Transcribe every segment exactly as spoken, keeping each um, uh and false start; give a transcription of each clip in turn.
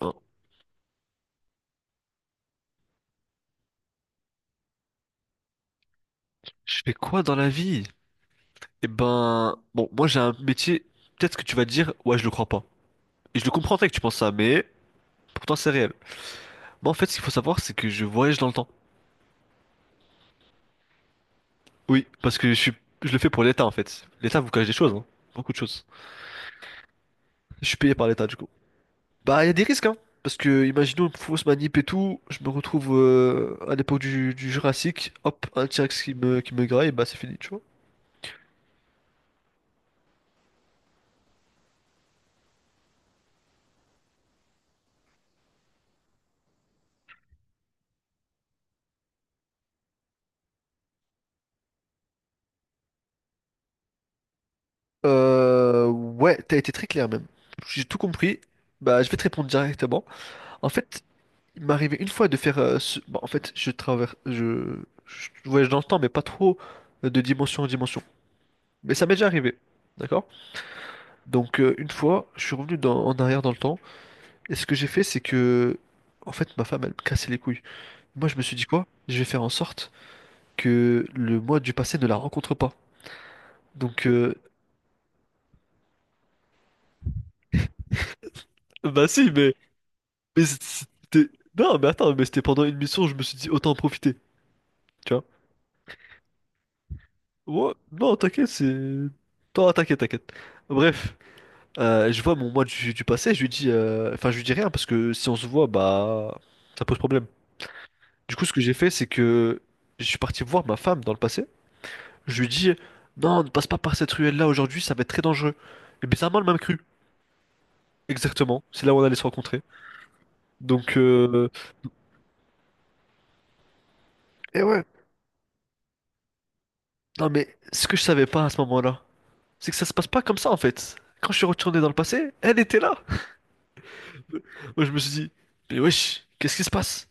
Hein, je fais quoi dans la vie? Eh ben, bon, moi j'ai un métier, peut-être que tu vas dire, ouais, je le crois pas. Et je le comprendrais que tu penses ça, mais pourtant c'est réel. Moi en fait, ce qu'il faut savoir, c'est que je voyage dans le temps. Oui, parce que je suis, je le fais pour l'État en fait. L'État vous cache des choses, hein. Beaucoup de choses. Je suis payé par l'État du coup. Bah, il y a des risques, hein. Parce que, imaginons une fausse manip et tout, je me retrouve euh, à l'époque du, du Jurassique, hop, un T-Rex qui me, qui me graille, bah c'est fini, tu vois. Euh, ouais, t'as été très clair même. J'ai tout compris. Bah, je vais te répondre directement. En fait, il m'est arrivé une fois de faire. Euh, ce- bon, en fait, je traverse. Je... je voyage dans le temps, mais pas trop euh, de dimension en dimension. Mais ça m'est déjà arrivé. D'accord? Donc, euh, une fois, je suis revenu dans- en arrière dans le temps. Et ce que j'ai fait, c'est que. En fait, ma femme, elle me cassait les couilles. Moi, je me suis dit quoi? Je vais faire en sorte que le moi du passé ne la rencontre pas. Donc, euh, bah si, mais. Mais c'était. Non, mais attends, mais c'était pendant une mission, je me suis dit autant en profiter. Tu vois? Ouais, non, t'inquiète, c'est. Non, t'inquiète, t'inquiète. Bref. Euh, je vois mon moi du, du passé, je lui dis, euh, enfin je lui dis rien parce que si on se voit, bah ça pose problème. Du coup, ce que j'ai fait, c'est que je suis parti voir ma femme dans le passé. Je lui dis, non, ne passe pas par cette ruelle-là aujourd'hui, ça va être très dangereux. Et bizarrement, elle m'a cru. Exactement, c'est là où on allait se rencontrer. Donc, euh... et ouais. Non mais ce que je savais pas à ce moment-là, c'est que ça se passe pas comme ça en fait. Quand je suis retourné dans le passé, elle était là. Moi, je me suis dit, mais wesh, qu'est-ce qui se passe?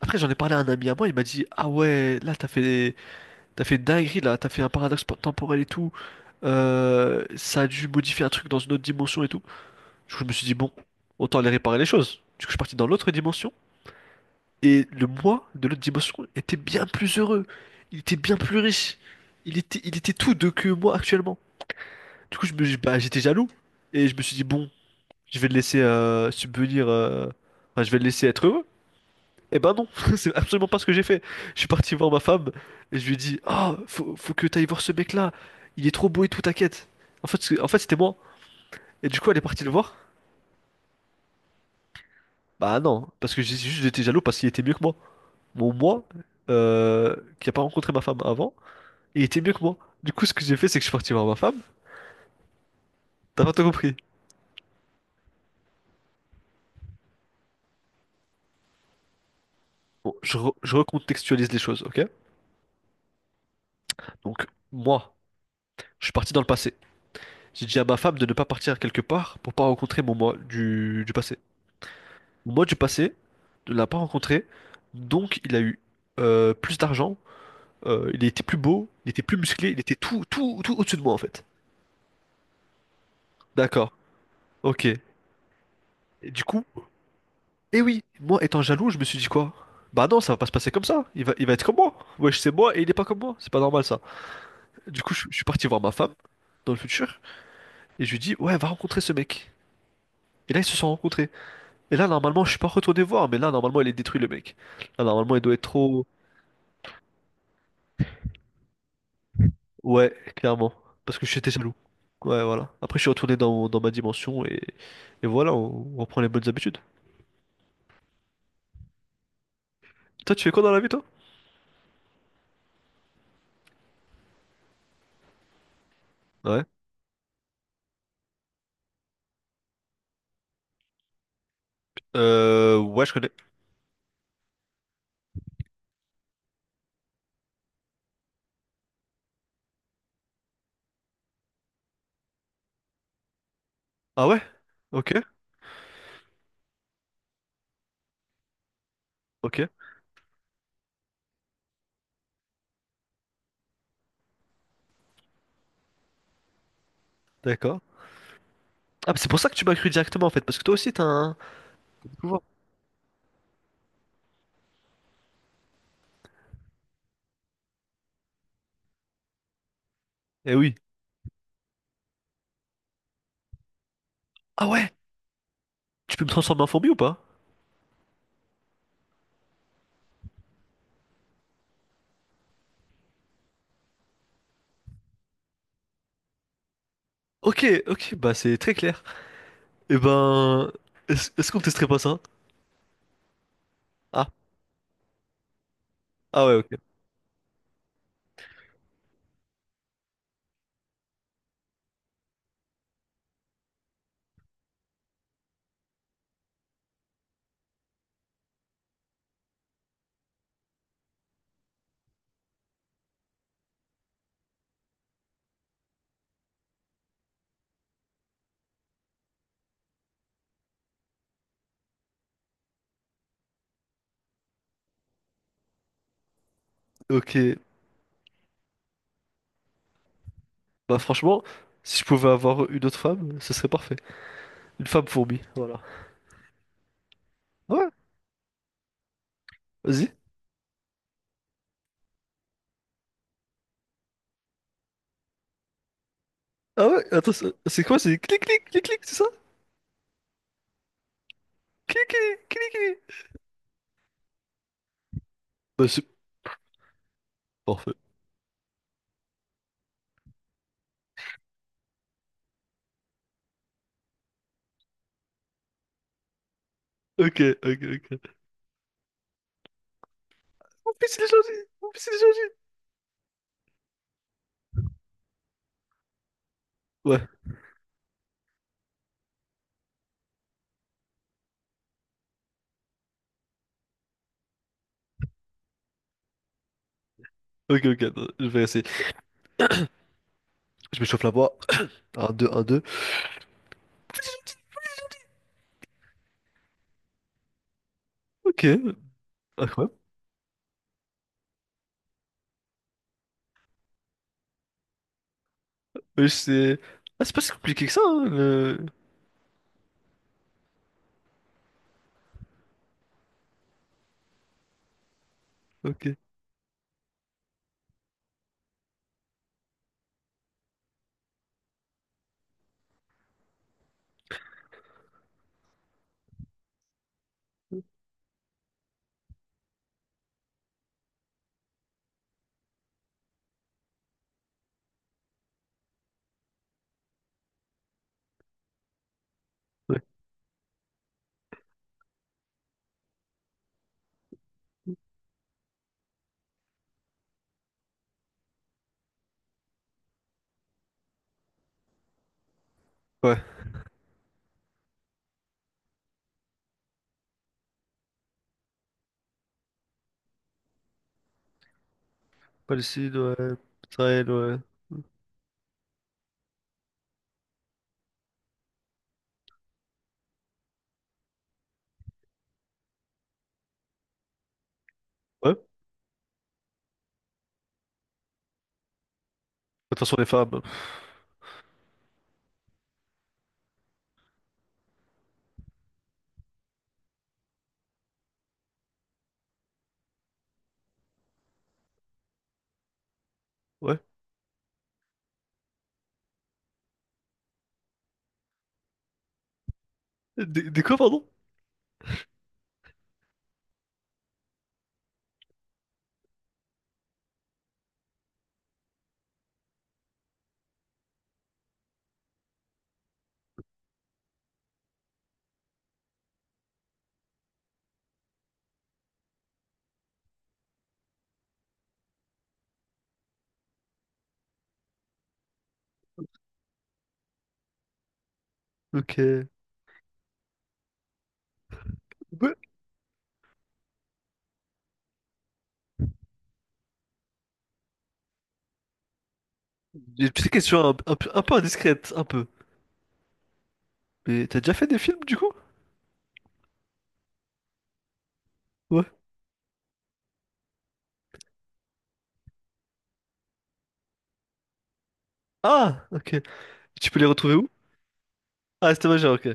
Après, j'en ai parlé à un ami à moi, il m'a dit, ah ouais, là, t'as fait T'as fait une dinguerie là, t'as fait un paradoxe po- temporel et tout. Euh, ça a dû modifier un truc dans une autre dimension et tout. Du coup, je me suis dit, bon, autant aller réparer les choses. Du coup, je suis parti dans l'autre dimension. Et le moi de l'autre dimension était bien plus heureux. Il était bien plus riche. Il était, il était tout de que moi actuellement. Du coup, je me, j'ai- bah, j'étais jaloux. Et je me suis dit, bon, je vais le laisser euh, subvenir. Euh, enfin, je vais le laisser être heureux. Eh ben non, c'est absolument pas ce que j'ai fait. Je suis parti voir ma femme et je lui ai dit, ah, faut, faut que t'ailles voir ce mec-là, il est trop beau et tout, t'inquiète. En fait, c'est- en fait, c'était moi. Et du coup, elle est partie le voir. Bah non, parce que j'ai juste j'étais jaloux parce qu'il était mieux que moi. Mon moi, euh, qui a pas rencontré ma femme avant, il était mieux que moi. Du coup, ce que j'ai fait, c'est que je suis parti voir ma femme. T'as pas tout compris. Bon, je, re- je recontextualise les choses, ok? Donc, moi, je suis parti dans le passé. J'ai dit à ma femme de ne pas partir quelque part pour pas rencontrer mon moi du du passé. Moi, du passé, ne l'a pas rencontré, donc il a eu euh, plus d'argent, euh, il était plus beau, il était plus musclé, il était tout, tout, tout au-dessus de moi en fait. D'accord, ok. Et du coup, eh oui, moi étant jaloux, je me suis dit quoi? Bah non, ça va pas se passer comme ça, il va, il va être comme moi. Wesh, c'est moi et il est pas comme moi, c'est pas normal ça. Du coup, je, je suis parti voir ma femme dans le futur et je lui dis, ouais, va rencontrer ce mec. Et là, ils se sont rencontrés. Et là, normalement, je suis pas retourné voir, mais là, normalement, il est détruit le mec. Là, normalement, il doit être trop. Ouais, clairement. Parce que j'étais jaloux. Ouais, voilà. Après, je suis retourné dans, dans ma dimension et, et voilà, on, on reprend les bonnes habitudes. Toi, tu fais quoi dans la vie, toi? Ouais. Euh, ouais, je connais. Ah ouais? Ok, ok, d'accord. Ah, mais c'est pour ça que tu m'as cru directement en fait, parce que toi aussi t'as un pouvoir. Eh oui. Ah ouais? Tu peux me transformer en fourmi ou pas? Ok, ok, bah c'est très clair. Eh ben, est-ce est-ce qu'on testerait pas ça? Ah, ah ouais, ok. Ok, bah franchement, si je pouvais avoir une autre femme, ce serait parfait. Une femme fourmi, voilà. Ouais. Vas-y. Ah ouais, attends, c'est c'est quoi? C'est clic, clic, clic, clic, c'est ça? Clic, clic, clic, clic. Bah, c'est parfait. Ok, ok, ok. Mon fils, il est gentil. Mon fils, il est gentil. Ouais, ok, ok, attends, je vais essayer. Je me chauffe la voix. Un deux un deux. Ok, incroyable. Mais c'est. Ah, c'est pas si compliqué que ça, hein, le... Ok, ouais. Ouais. Palestine, ouais. Israël, ouais. Ouais. De toute façon, les femmes. Ouais. Des, des quoi, pardon? Ok. Ouais. J'ai une petite question un, un peu un peu indiscrète, un peu. Mais t'as déjà fait des films, du coup? Ouais. Ah, ok. Tu peux les retrouver où? Ah, c'était majeur, ok.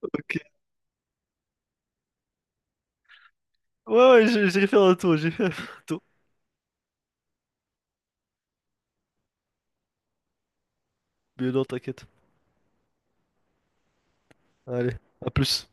Ok. Ouais, ouais, j'ai j'ai fait un tour, j'ai fait un tour. Mais non, t'inquiète. Allez, à plus.